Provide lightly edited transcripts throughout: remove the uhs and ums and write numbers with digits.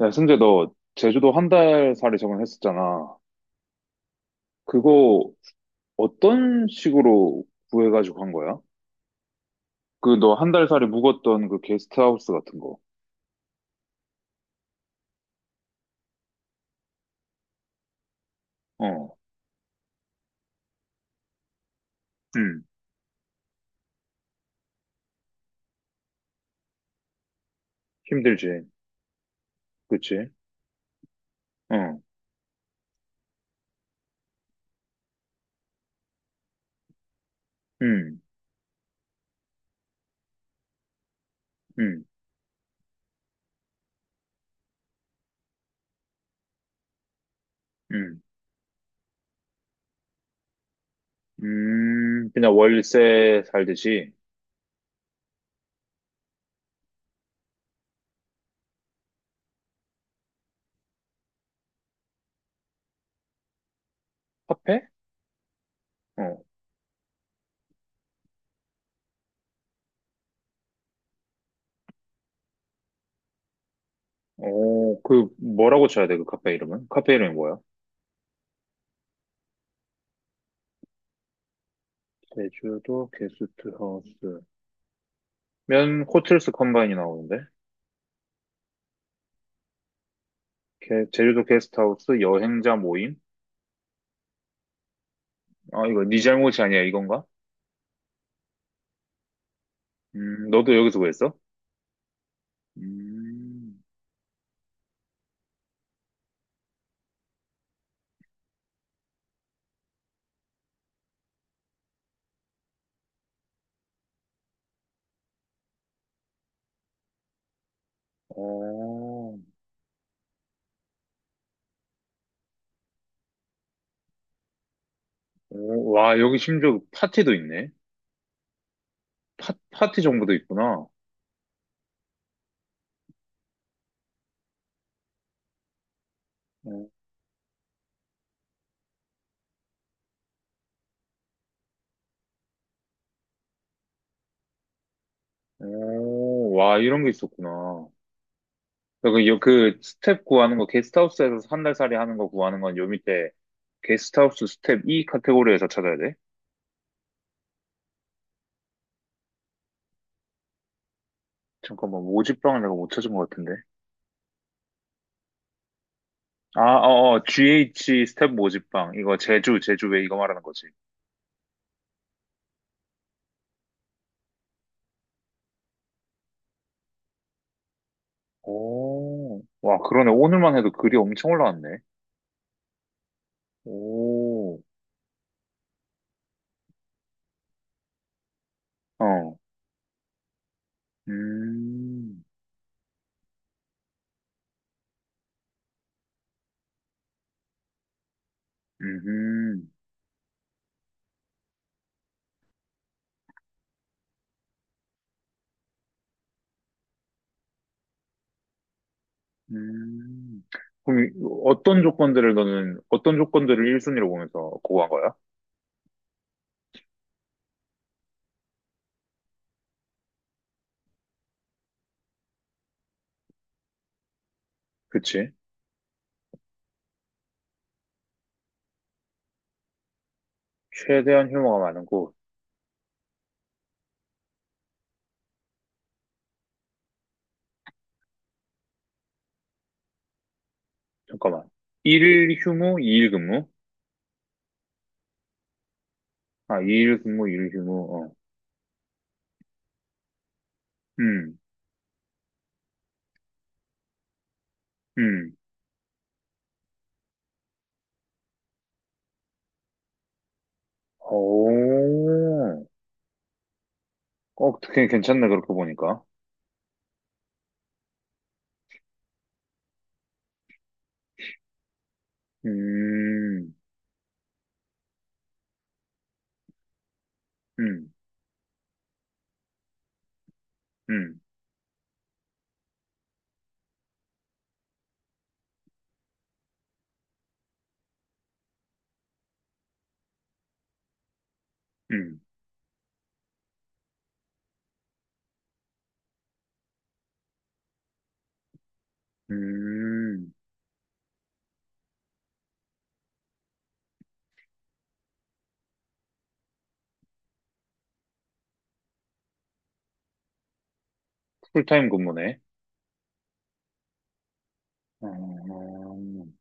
야, 승재, 너 제주도 한 달 살이 적응했었잖아. 그거 어떤 식으로 구해가지고 한 거야? 그 너 한 달 살이 묵었던 그 게스트하우스 같은 거. 어, 음, 힘들지. 그치? 어, 음, 음, 음, 그냥 월세 살듯이. 카페? 어, 어, 그 뭐라고 쳐야 돼, 그 카페 이름은? 카페 이름이 뭐야? 제주도 게스트하우스. 면 호텔스 컴바인이 나오는데? 제주도 게스트하우스 여행자 모임? 아, 이거 네 잘못이 아니야, 이건가? 너도 여기서 구했어? 음, 어, 오, 와, 여기 심지어 파티도 있네. 파티 정보도 있구나. 어, 오, 와, 이런 게 있었구나. 그 스텝 구하는 거, 게스트하우스에서 한 달 살이 하는 거 구하는 건 요 밑에 게스트하우스 스텝 E 카테고리에서 찾아야 돼. 잠깐만, 모집방을 내가 못 찾은 것 같은데. 아, 어, 어, GH 스텝 모집방. 이거 제주 왜 이거 말하는 거지? 오, 와, 그러네. 오늘만 해도 글이 엄청 올라왔네. 오, 어, 음, 음, 음. 그럼 어떤 조건들을 너는, 어떤 조건들을 1순위로 보면서 고고한 거야? 그치? 최대한 휴무가 많은 곳. 잠깐만. 1일 휴무, 2일 근무? 아, 2일 근무, 1일 휴무, 어. 음, 음. 오, 어, 되게 괜찮네, 그렇게 보니까. 음, 음, 음, 음. 음, 풀타임 근무네. 음,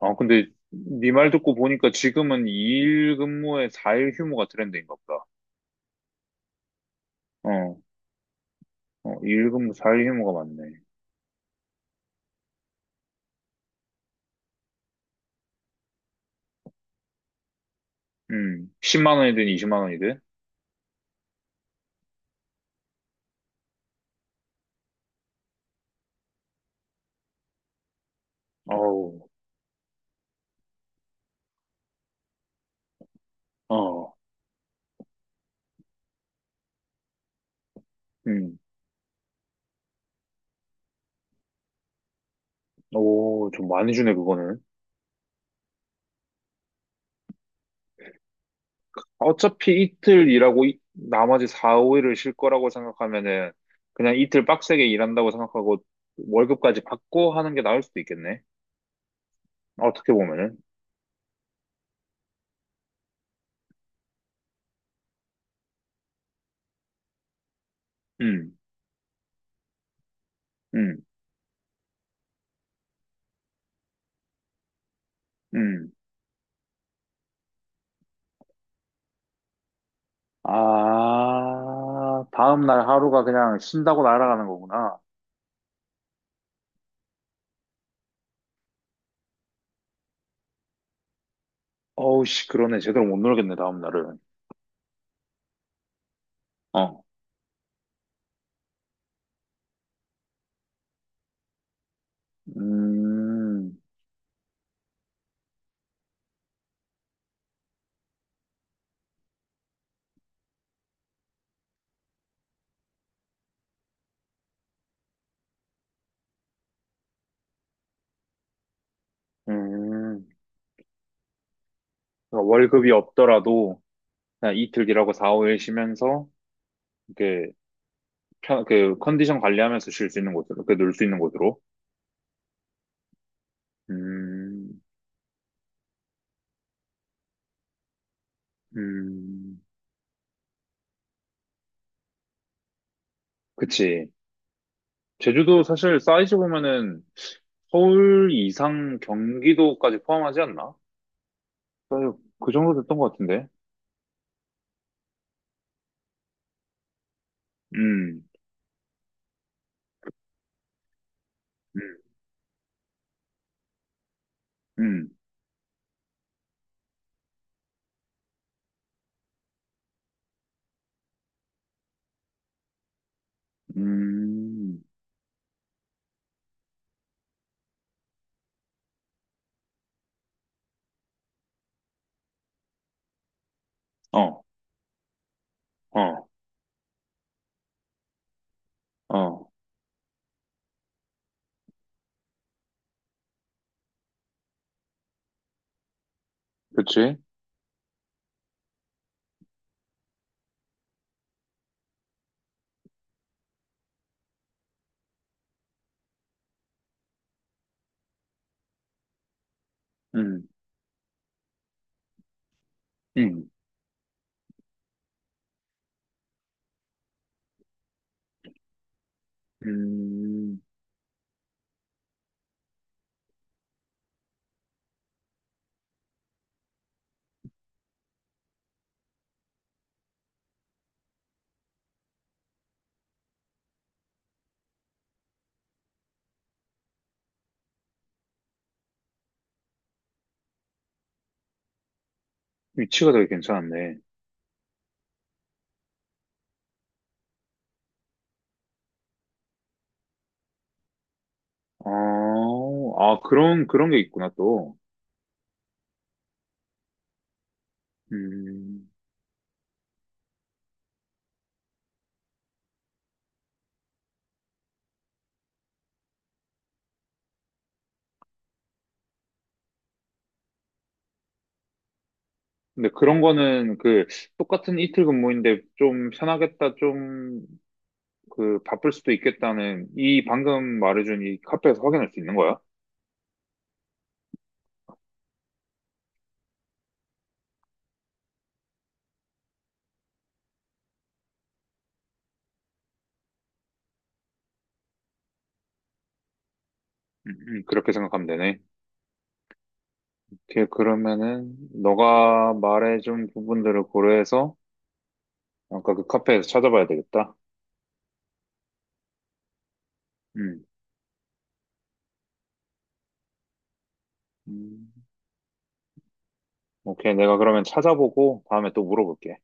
아, 근데 네 말 듣고 보니까 지금은 2일 근무에 4일 휴무가 트렌드인가 보다. 어, 어, 2일 근무 4일 휴무가 맞네. 10만 원이든 20만 원이든? 어우, 어, 음, 오, 좀 많이 주네, 그거는. 어차피 이틀 일하고 나머지 4, 5일을 쉴 거라고 생각하면은 그냥 이틀 빡세게 일한다고 생각하고 월급까지 받고 하는 게 나을 수도 있겠네. 어떻게 보면은. 음, 음, 음. 아, 다음날 하루가 그냥 쉰다고 날아가는 거구나. 어우, 씨, 그러네. 제대로 못 놀겠네, 다음날은. 어, 음, 음. 그러니까 월급이 없더라도 그냥 이틀 일하고 4, 5일 쉬면서, 이렇게, 그, 컨디션 관리하면서 쉴 수 있는 곳으로, 그, 놀 수 있는 곳으로. 음, 음. 그치. 제주도 사실 사이즈 보면은 서울 이상 경기도까지 포함하지 않나? 그 정도 됐던 것 같은데. 음. 음, 음, 어, 어, 어, 그치? 음, 음, 음, 위치가 되게 괜찮았네. 어, 아, 그런 게 있구나, 또. 음, 근데 그런 거는 그, 똑같은 이틀 근무인데 좀 편하겠다, 좀, 그, 바쁠 수도 있겠다는, 이 방금 말해준 이 카페에서 확인할 수 있는 거야? 그렇게 생각하면 되네. 오케이, 그러면은, 너가 말해준 부분들을 고려해서, 아까 그 카페에서 찾아봐야 되겠다. 음. 음. 오케이. 내가 그러면 찾아보고 다음에 또 물어볼게.